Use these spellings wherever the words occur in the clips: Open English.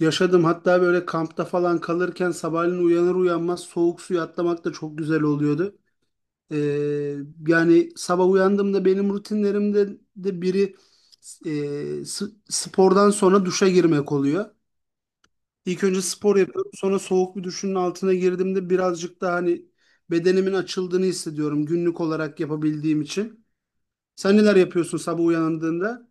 Yaşadım, hatta böyle kampta falan kalırken sabahleyin uyanır uyanmaz soğuk suya atlamak da çok güzel oluyordu. Ee, Yani sabah uyandığımda benim rutinlerimde de biri e, s- spordan sonra duşa girmek oluyor. İlk önce spor yapıyorum, sonra soğuk bir duşun altına girdiğimde birazcık daha hani bedenimin açıldığını hissediyorum günlük olarak yapabildiğim için. Sen neler yapıyorsun sabah uyandığında?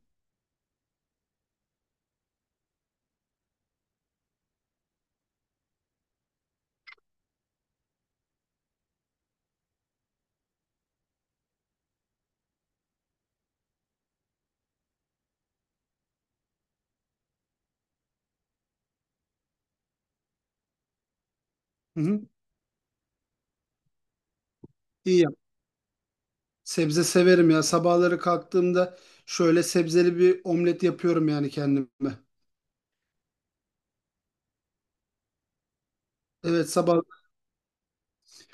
Hı hı. İyi. Sebze severim ya. Sabahları kalktığımda şöyle sebzeli bir omlet yapıyorum yani kendime. Evet, sabah.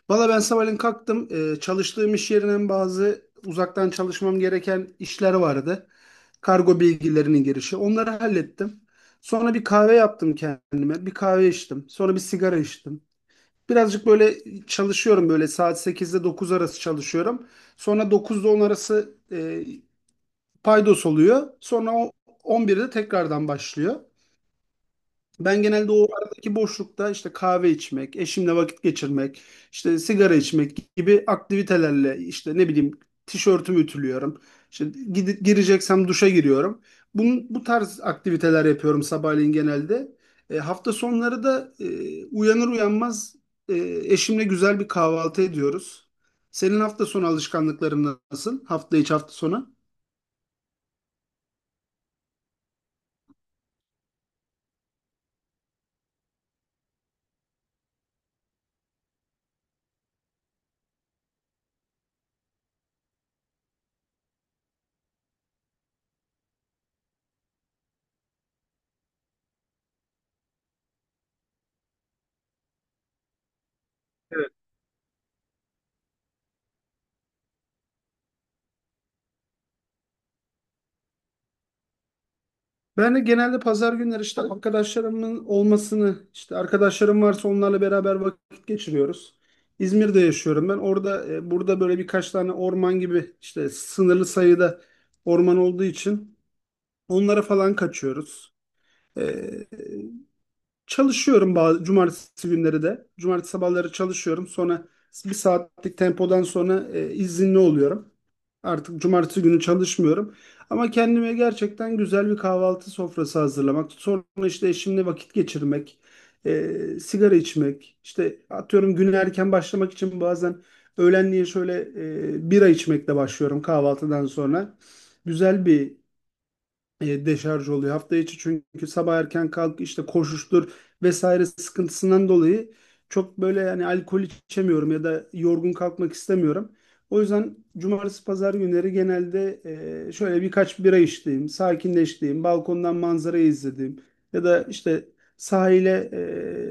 Valla ben sabahleyin kalktım. Çalıştığım iş yerinden bazı uzaktan çalışmam gereken işler vardı. Kargo bilgilerinin girişi. Onları hallettim. Sonra bir kahve yaptım kendime. Bir kahve içtim. Sonra bir sigara içtim. Birazcık böyle çalışıyorum, böyle saat 8'de 9 arası çalışıyorum. Sonra 9'da 10 arası paydos oluyor. Sonra on birde tekrardan başlıyor. Ben genelde o aradaki boşlukta işte kahve içmek, eşimle vakit geçirmek, işte sigara içmek gibi aktivitelerle, işte ne bileyim, tişörtümü ütülüyorum. İşte gireceksem duşa giriyorum. Bunun, bu tarz aktiviteler yapıyorum sabahleyin genelde. Hafta sonları da uyanır uyanmaz e, eşimle güzel bir kahvaltı ediyoruz. Senin hafta sonu alışkanlıkların nasıl? Hafta içi, hafta sonu? Ben de genelde pazar günleri işte arkadaşlarımın olmasını, işte arkadaşlarım varsa onlarla beraber vakit geçiriyoruz. İzmir'de yaşıyorum ben. Orada burada böyle birkaç tane orman gibi, işte sınırlı sayıda orman olduğu için onlara falan kaçıyoruz. E, Çalışıyorum bazı cumartesi günleri de. Cumartesi sabahları çalışıyorum. Sonra bir saatlik tempodan sonra izinli oluyorum. Artık cumartesi günü çalışmıyorum. Ama kendime gerçekten güzel bir kahvaltı sofrası hazırlamak. Sonra işte eşimle vakit geçirmek, e, sigara içmek. İşte atıyorum, güne erken başlamak için bazen öğlenliğe şöyle bira içmekle başlıyorum kahvaltıdan sonra. Güzel bir deşarj oluyor. Hafta içi çünkü sabah erken kalk, işte koşuştur vesaire sıkıntısından dolayı çok böyle yani alkol içemiyorum ya da yorgun kalkmak istemiyorum. O yüzden cumartesi pazar günleri genelde şöyle birkaç bira içtiğim, sakinleştiğim, balkondan manzarayı izlediğim ya da işte sahile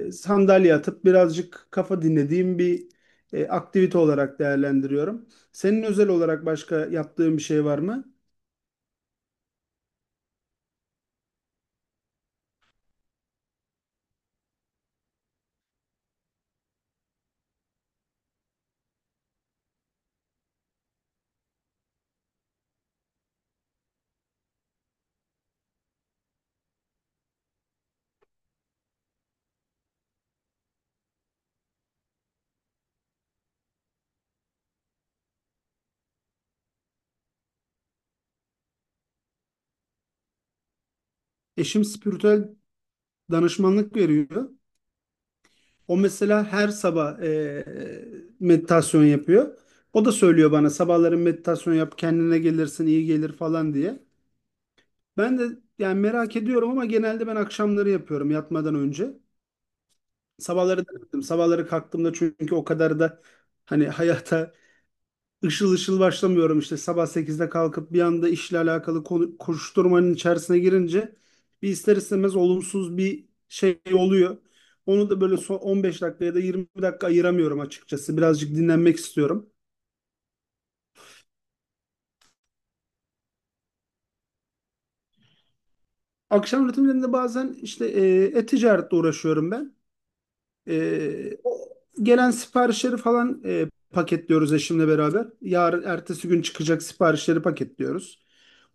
sandalye atıp birazcık kafa dinlediğim bir aktivite olarak değerlendiriyorum. Senin özel olarak başka yaptığın bir şey var mı? Eşim spiritüel danışmanlık veriyor. O mesela her sabah meditasyon yapıyor. O da söylüyor bana, sabahları meditasyon yap, kendine gelirsin, iyi gelir falan diye. Ben de yani merak ediyorum, ama genelde ben akşamları yapıyorum yatmadan önce. Sabahları da yaptım. Sabahları kalktığımda çünkü o kadar da hani hayata ışıl ışıl başlamıyorum, işte sabah sekizde kalkıp bir anda işle alakalı koşuşturmanın içerisine girince bir ister istemez olumsuz bir şey oluyor. Onu da böyle son 15 dakika ya da 20 dakika ayıramıyorum açıkçası. Birazcık dinlenmek istiyorum. Akşam rutinlerinde bazen işte e-ticaretle uğraşıyorum ben. O gelen siparişleri falan paketliyoruz eşimle beraber. Yarın ertesi gün çıkacak siparişleri paketliyoruz.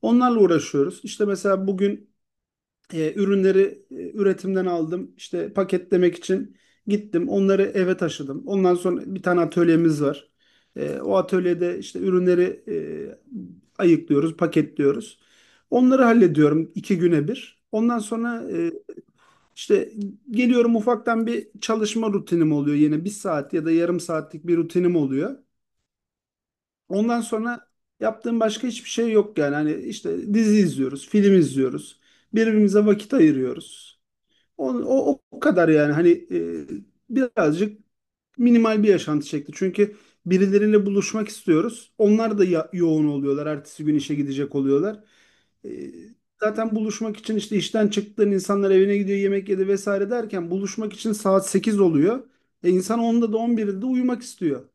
Onlarla uğraşıyoruz. İşte mesela bugün ürünleri üretimden aldım. İşte paketlemek için gittim. Onları eve taşıdım. Ondan sonra bir tane atölyemiz var. O atölyede işte ürünleri ayıklıyoruz, paketliyoruz. Onları hallediyorum iki güne bir. Ondan sonra işte geliyorum, ufaktan bir çalışma rutinim oluyor yine. Bir saat ya da yarım saatlik bir rutinim oluyor. Ondan sonra yaptığım başka hiçbir şey yok yani. Hani işte dizi izliyoruz, film izliyoruz. Birbirimize vakit ayırıyoruz. O kadar yani hani birazcık minimal bir yaşantı çekti. Çünkü birileriyle buluşmak istiyoruz. Onlar da yoğun oluyorlar. Ertesi gün işe gidecek oluyorlar. E, Zaten buluşmak için işte işten çıktığın insanlar evine gidiyor, yemek yedi vesaire derken buluşmak için saat 8 oluyor. İnsan 10'da da 11'de de uyumak istiyor.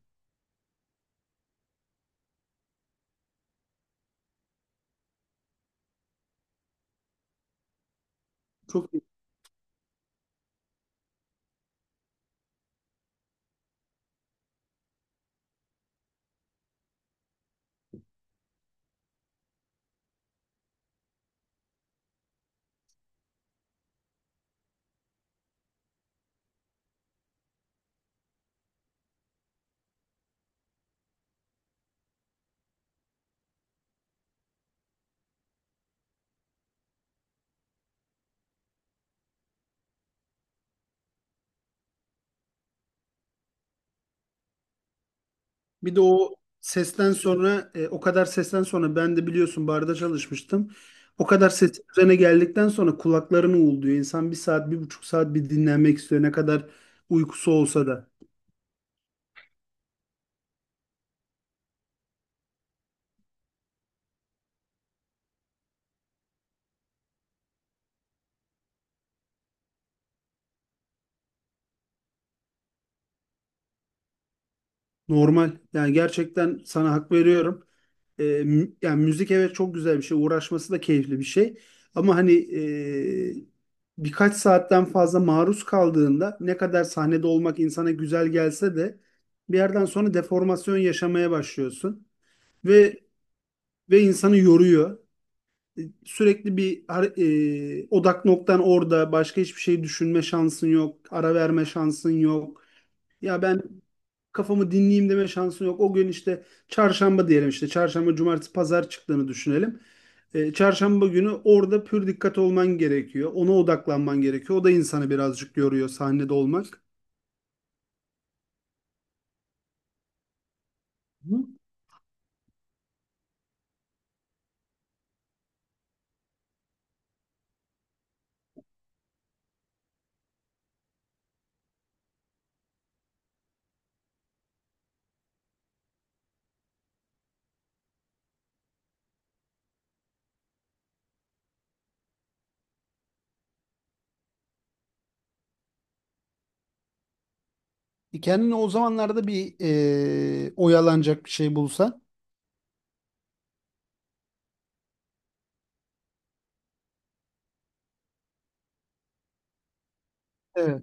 Çok. Bir de o sesten sonra o kadar sesten sonra ben de biliyorsun barda çalışmıştım. O kadar ses üzerine geldikten sonra kulaklarını uğulduyor. İnsan bir saat, bir buçuk saat bir dinlenmek istiyor. Ne kadar uykusu olsa da. Normal. Yani gerçekten sana hak veriyorum. Yani müzik, evet, çok güzel bir şey. Uğraşması da keyifli bir şey. Ama hani birkaç saatten fazla maruz kaldığında, ne kadar sahnede olmak insana güzel gelse de bir yerden sonra deformasyon yaşamaya başlıyorsun. Ve insanı yoruyor. Sürekli bir odak noktan orada, başka hiçbir şey düşünme şansın yok, ara verme şansın yok. Ya ben kafamı dinleyeyim deme şansın yok. O gün işte çarşamba diyelim, işte çarşamba, cumartesi, pazar çıktığını düşünelim. Çarşamba günü orada pür dikkat olman gerekiyor. Ona odaklanman gerekiyor. O da insanı birazcık yoruyor sahnede olmak. Hı. Kendine o zamanlarda bir oyalanacak bir şey bulsan. Evet.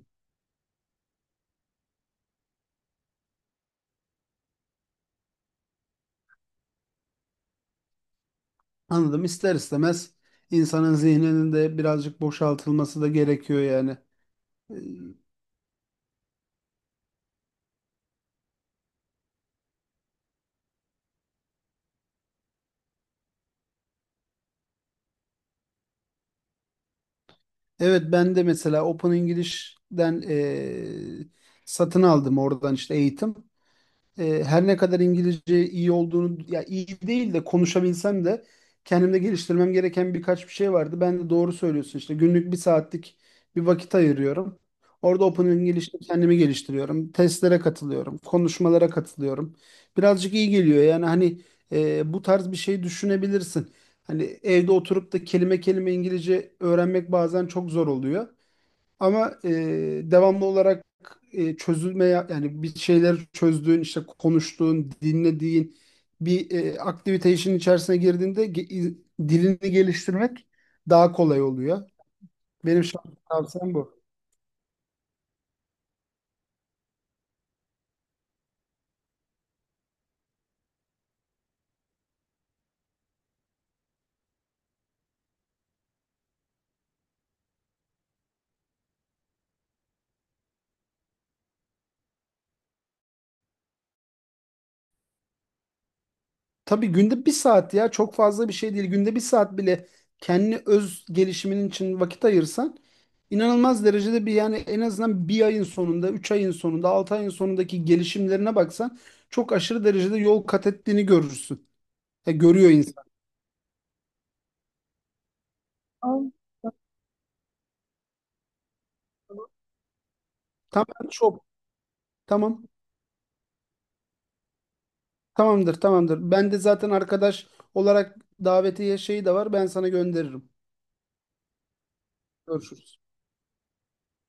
Anladım. İster istemez insanın zihninin de birazcık boşaltılması da gerekiyor yani. Ee, Evet, ben de mesela Open English'den satın aldım oradan işte eğitim. Her ne kadar İngilizce iyi olduğunu, ya iyi değil de konuşabilsem de, kendimde geliştirmem gereken birkaç bir şey vardı. Ben de, doğru söylüyorsun, işte günlük bir saatlik bir vakit ayırıyorum. Orada Open English'te kendimi geliştiriyorum. Testlere katılıyorum. Konuşmalara katılıyorum. Birazcık iyi geliyor yani hani bu tarz bir şey düşünebilirsin. Hani evde oturup da kelime kelime İngilizce öğrenmek bazen çok zor oluyor. Ama devamlı olarak çözülmeye, yani bir şeyleri çözdüğün, işte konuştuğun, dinlediğin bir aktivite işin içerisine girdiğinde dilini geliştirmek daha kolay oluyor. Benim şahsi tavsiyem bu. Tabii günde bir saat ya çok fazla bir şey değil. Günde bir saat bile kendi öz gelişimin için vakit ayırsan, inanılmaz derecede bir, yani en azından bir ayın sonunda, üç ayın sonunda, altı ayın sonundaki gelişimlerine baksan çok aşırı derecede yol kat ettiğini görürsün. Görüyor insan. Tamam. Tamam, çok. Tamam. Tamamdır, tamamdır. Ben de zaten arkadaş olarak davetiye şeyi de var. Ben sana gönderirim. Görüşürüz.